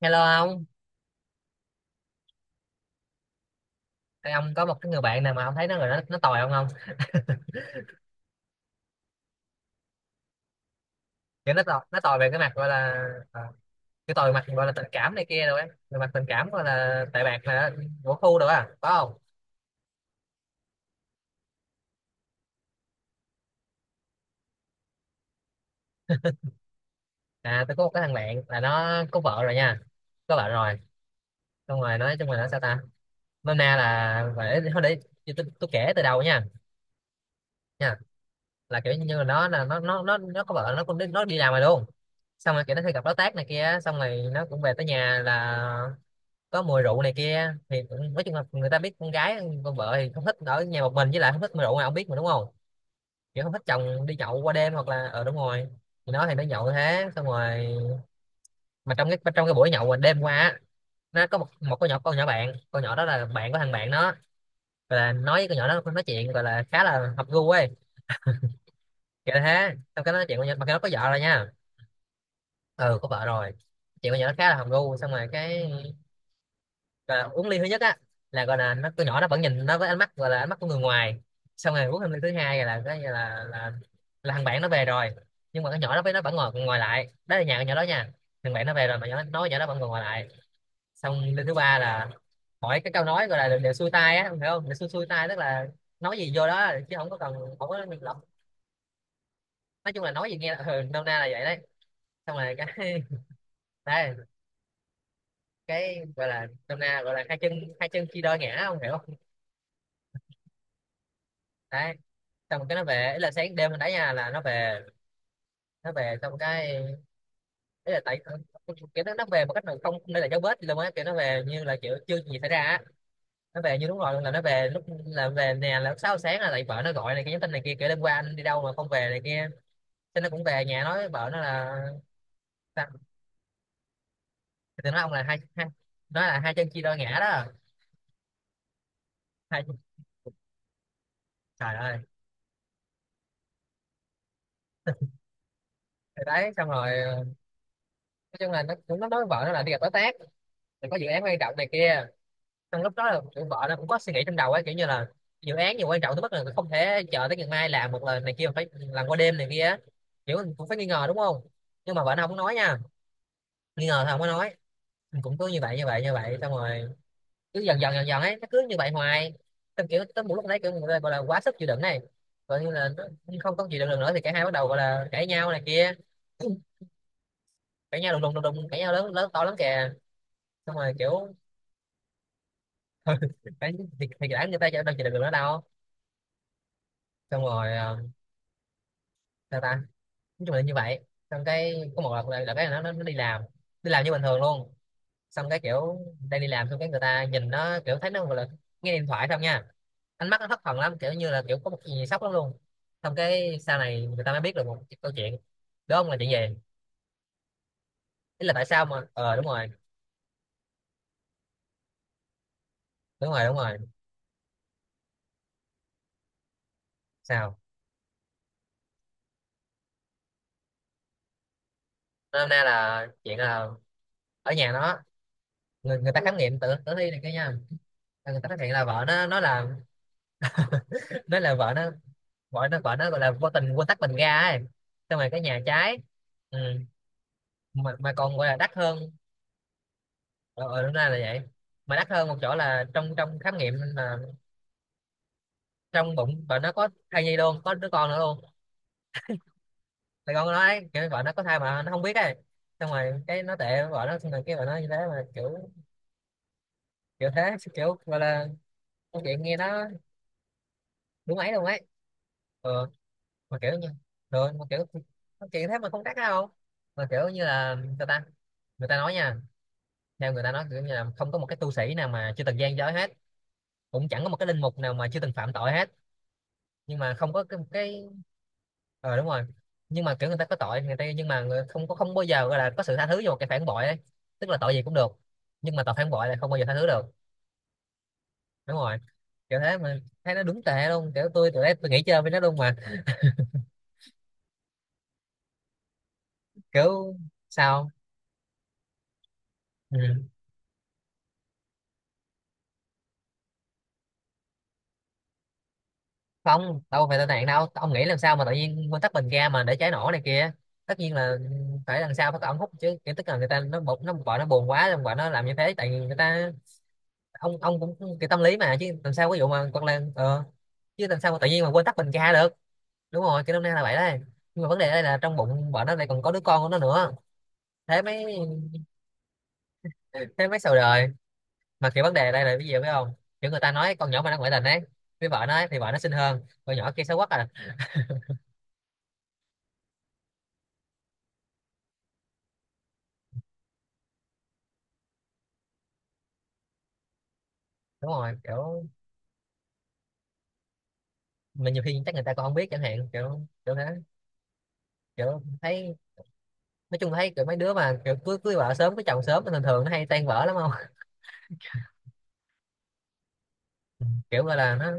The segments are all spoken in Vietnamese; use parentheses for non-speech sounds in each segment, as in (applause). Hello ông. Ông có một người bạn nào mà ông thấy nó rồi nó tồi không không? Kiểu nó tồi về cái mặt gọi là à, cái tồi mặt gọi là tình cảm này kia rồi á, về mặt tình cảm gọi là tệ bạc là của khu rồi á, có không? À, tôi có một cái thằng bạn là nó có vợ rồi nha, có vợ rồi, xong rồi nói chung là nó sao ta? Nôm na là để tôi kể từ đầu nha, nha, là kiểu như là nó có vợ, nó cũng đi, nó đi làm rồi luôn, xong rồi kiểu nó hay gặp đối tác này kia, xong rồi nó cũng về tới nhà là có mùi rượu này kia thì nói chung là người ta biết, con gái con vợ thì không thích ở nhà một mình, với lại không thích mùi rượu này, ông biết mà đúng không, kiểu không thích chồng đi nhậu qua đêm hoặc là ở, đúng rồi. Thì nó nhậu thế, xong rồi mà trong cái buổi nhậu mà đêm qua á, nó có một một con nhỏ bạn, con nhỏ đó là bạn của thằng bạn nó, gọi là nói với con nhỏ đó, nói chuyện gọi là khá là hợp gu ấy, kiểu thế. Xong cái nó nói chuyện con nhỏ mà cái nó có vợ rồi nha. Ừ, có vợ rồi, chuyện con nhỏ nó khá là hợp gu, xong rồi cái gọi là uống ly thứ nhất á, là gọi là nó, con nhỏ nó vẫn nhìn nó với ánh mắt gọi là ánh mắt của người ngoài. Xong rồi uống thêm ly thứ hai là là thằng bạn nó về rồi, nhưng mà cái nhỏ đó với nó vẫn ngồi ngồi lại, đó là nhà con nhỏ đó nha. Thằng bạn nó về rồi mà nhỏ đó vẫn còn ngồi lại. Xong ly thứ ba là hỏi cái câu nói gọi là đều xuôi tai á, không hiểu không, đều xuôi xuôi tai, tức là nói gì vô đó chứ không có cần, không có lọc, nói chung là nói gì nghe là ừ, nôm na là vậy đấy. Xong rồi cái (laughs) đấy, cái gọi là nôm na gọi là hai chân chia đôi ngã, không hiểu không. Đấy, xong cái nó về, ý là sáng đêm mình đá nha, là nó về. Nó về xong cái, ý là tại kiểu nó về một cách mà không không để lại dấu vết gì luôn á, kiểu nó về như là kiểu chưa gì xảy ra á, nó về như đúng rồi luôn, là nó về lúc là về nè, là lúc sáu giờ sáng là lại vợ nó gọi này kia, nhắn tin này kia, kiểu đêm qua anh đi đâu mà không về này kia. Thế nó cũng về nhà nói với vợ nó là sao? Thì nó ông là hai, nói là hai chân chia đôi ngã đó. Hai, trời ơi. Thì đấy, xong rồi nói chung là nó cũng nó nói với vợ nó là đi gặp đối tác, thì có dự án quan trọng này kia. Trong lúc đó là kiểu vợ nó cũng có suy nghĩ trong đầu ấy, kiểu như là dự án nhiều quan trọng tới mức là không thể chờ tới ngày mai làm một lần này kia mà phải làm qua đêm này kia á. Kiểu mình cũng phải nghi ngờ đúng không, nhưng mà vợ nó không có nói nha. Nghi ngờ thì không có nói, mình cũng cứ như vậy như vậy như vậy, xong rồi cứ dần dần ấy, nó cứ như vậy hoài. Xong kiểu tới một lúc đấy kiểu người ta gọi là quá sức chịu đựng này, gọi như là nó không có chịu đựng được nữa, thì cả hai bắt đầu gọi là cãi nhau này kia. Cãi nhau đùng đùng cãi nhau lớn lớn to lắm kìa. Xong rồi kiểu (laughs) thì, thì đã người ta đâu chịu đựng được nữa đâu. Xong rồi sao ta, nói chung là như vậy. Xong cái có một lần là, cái là nó đi làm, đi làm như bình thường luôn. Xong cái kiểu đang đi làm, xong cái người ta nhìn nó kiểu thấy nó gọi là nghe điện thoại không nha, ánh mắt nó thất thần lắm, kiểu như là kiểu có một cái gì sốc lắm luôn. Xong cái sau này người ta mới biết được một cái câu chuyện, đúng không, là chuyện gì. Ý là tại sao mà ờ, đúng rồi, đúng rồi, đúng rồi. Sao, hôm nay là chuyện là ở nhà nó, người ta khám nghiệm tử tử thi này kia nha. Người ta phát hiện là vợ nó là (laughs) nó là vợ nó gọi là vô tình quên tắt bình ga ấy, xong rồi cái nhà trái, ừ. Mà còn gọi là đắt hơn. Ờ ờ, đúng ra là vậy, mà đắt hơn một chỗ là trong trong khám nghiệm là trong bụng vợ nó có thai nhi luôn, có đứa con nữa luôn. Thì con nó nói kiểu vợ nó có thai mà nó không biết ấy. Xong rồi cái nó tệ vợ nó, xong rồi cái vợ nó như thế mà kiểu, kiểu thế, kiểu gọi là câu chuyện nghe nó đúng ấy luôn ấy. Ừ, mà kiểu như, rồi mà kiểu câu chuyện thế mà không đắt đâu. Mà kiểu như là người ta, người ta nói nha, theo người ta nói kiểu như là không có một cái tu sĩ nào mà chưa từng gian dối hết, cũng chẳng có một cái linh mục nào mà chưa từng phạm tội hết. Nhưng mà không có cái. Ờ đúng rồi, nhưng mà kiểu người ta có tội người ta, nhưng mà không có, không bao giờ gọi là có sự tha thứ cho một cái phản bội ấy. Tức là tội gì cũng được, nhưng mà tội phản bội là không bao giờ tha thứ được. Đúng rồi, kiểu thế mà thấy nó đúng tệ luôn, kiểu tôi tụi đấy tôi nghĩ chơi với nó luôn mà. (laughs) Kiểu sao, ừ, không, đâu phải tai nạn đâu. Ông nghĩ làm sao mà tự nhiên nguyên tắc bình ga mà để cháy nổ này kia, tất nhiên là phải làm sao, phải ông hút chứ, kiểu tức là người ta nó bực, nó vợ nó buồn quá rồi vợ nó làm như thế, tại vì người ta, ông cũng cái tâm lý mà, chứ làm sao, ví dụ mà con Lan ờ, chứ làm sao mà tự nhiên mà quên tắt bình ga được. Đúng rồi, cái năm nay là vậy đấy, nhưng mà vấn đề đây là trong bụng vợ nó lại còn có đứa con của nó nữa. Thế mới, thế mới sầu đời. Mà kiểu vấn đề đây là cái gì biết không, kiểu người ta nói con nhỏ mà nó ngoại tình ấy với vợ nó ấy, thì vợ nó xinh hơn con nhỏ kia, xấu quá à. Đúng rồi, kiểu mà nhiều khi chắc người ta còn không biết chẳng hạn, kiểu kiểu thế, kiểu thấy, nói chung là thấy kiểu mấy đứa mà kiểu cưới cưới vợ sớm, cưới chồng sớm thì thường thường nó hay tan vỡ lắm không. (laughs) Kiểu gọi là nó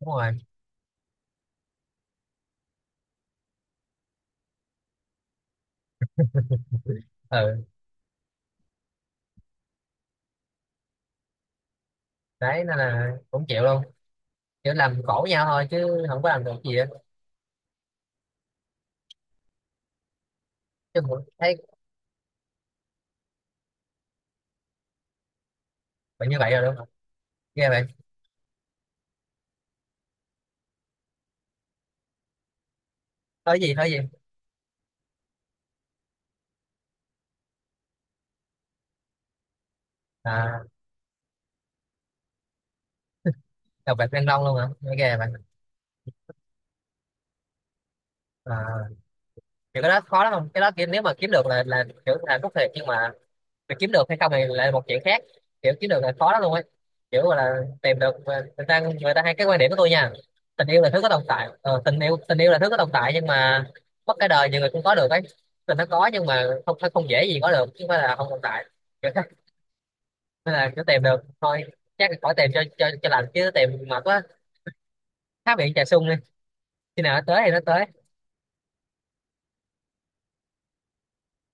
đúng rồi, ừ, đấy nên là cũng chịu luôn, kiểu làm khổ nhau thôi chứ không có làm được gì á. Chứ cũng thấy bạn như vậy rồi đúng không, ghê bạn. Nói gì à, đọc bạch Đăng Long luôn hả, nghe ghê bạn. À, kiểu cái đó khó lắm không, cái đó kiểu nếu mà kiếm được là kiểu là rút thiệt, nhưng mà kiếm được hay không thì lại là một chuyện khác. Kiểu kiếm được là khó lắm luôn ấy, kiểu gọi là tìm được. Người ta người ta hay cái quan điểm của tôi nha, tình yêu là thứ có tồn tại, tình yêu là thứ có tồn tại nhưng mà mất cả đời nhiều người cũng có được ấy. Tình nó có nhưng mà không không dễ gì có được, chứ không phải là không tồn tại, kiểu thế. Nên là cứ tìm được thôi, chắc là khỏi tìm cho lành, chứ tìm mệt quá. Há miệng trà sung đi, khi nào nó tới thì nó tới.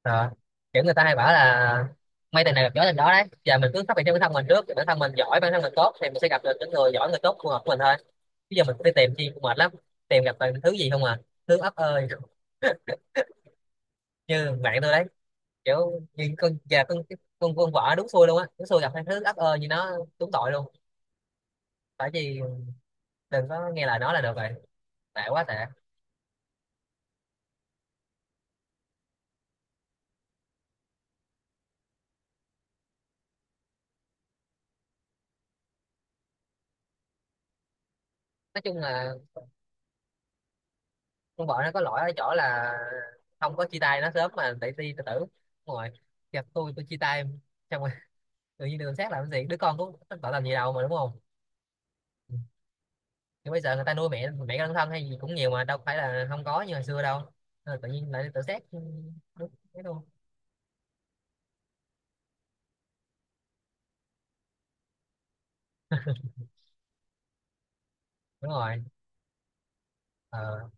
Ờ, kiểu người ta hay bảo là may tình này gặp gió tình đó, đấy giờ mình cứ phát triển cho bản thân mình trước, bản thân mình giỏi, bản thân mình tốt thì mình sẽ gặp được những người giỏi người tốt phù hợp với mình thôi. Bây giờ mình cũng đi tìm chi cũng mệt lắm, tìm gặp toàn thứ gì không à, thứ ấp ơi. (laughs) Như bạn tôi đấy, kiểu như con con vợ đúng xui luôn á, đúng xui gặp thằng thứ ấp ơi như nó, đúng tội luôn. Tại vì đừng có nghe lời nó là được rồi, tệ quá tệ. Nói chung là con vợ nó có lỗi ở chỗ là không có chia tay nó sớm mà để đi tự tử. Đúng rồi, gặp tôi chia tay em. Xong rồi tự nhiên đường sát làm cái gì, đứa con cũng tội làm gì đâu mà đúng không. Ừ, nhưng bây giờ người ta nuôi mẹ mẹ đơn thân hay gì cũng nhiều mà, đâu phải là không có như hồi xưa đâu. Nên là tự nhiên lại tự xét. Đúng, thế luôn, đúng rồi. ờ,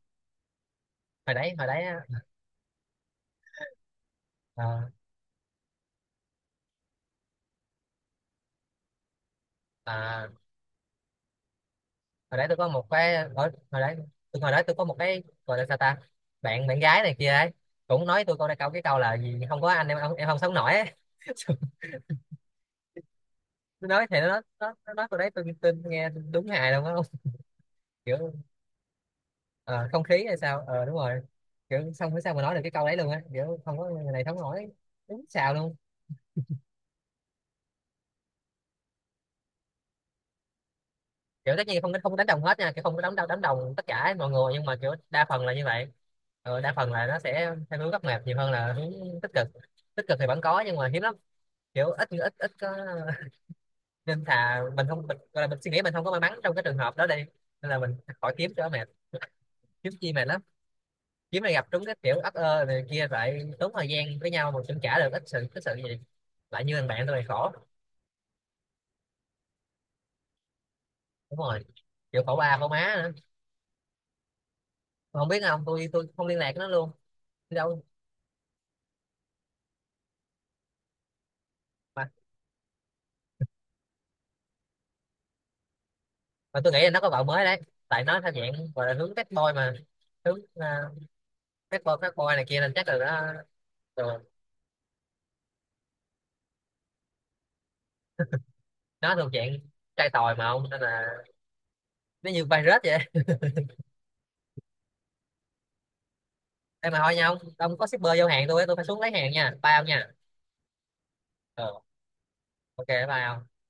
Hồi đấy hồi đấy á, ờ, à, hồi đấy tôi có một cái ở hồi đấy, tôi hồi đấy tôi có một cái gọi là sao ta, bạn bạn gái này kia ấy, cũng nói tôi câu này, câu là gì, không có anh em em không sống nổi ấy. (laughs) Tôi nói thì nó nói tôi đấy, tôi nghe đúng hài luôn á. Kiểu ờ, không khí hay sao, ờ đúng rồi, kiểu xong bữa sau mà nói được cái câu đấy luôn á, kiểu không có người này sống nổi, đúng xào luôn. Kiểu tất nhiên không không đánh đồng hết nha, kiểu không có đánh đồng tất cả mọi người, nhưng mà kiểu đa phần là như vậy. Ừ, đa phần là nó sẽ theo hướng góc mệt nhiều hơn là hướng tích cực. Tích cực thì vẫn có nhưng mà hiếm lắm, kiểu ít ít ít có. (laughs) Nên thà mình không mình, gọi là mình suy nghĩ mình không có may mắn trong cái trường hợp đó đi, nên là mình khỏi kiếm cho mệt, kiếm chi mệt lắm. Kiếm này gặp trúng cái kiểu ấp ơ này kia lại tốn thời gian với nhau mà cũng trả được ít sự cái sự gì, lại như thằng bạn tôi này khổ. Đúng rồi, kiểu khổ ba khổ má nữa. Mà không biết không, tôi không liên lạc với nó luôn, đi đâu mà. Và tôi nghĩ là nó có vợ mới đấy, tại nó theo dạng gọi là hướng bad boy mà, hướng bad boy này kia nên chắc là nó thường. Nó thuộc dạng trai tòi mà ông, nên là nó như virus vậy. Em mà thôi nha ông có shipper vô hàng tôi á, tôi phải xuống lấy hàng nha, bye ông nha. Ừ, ok bye ông.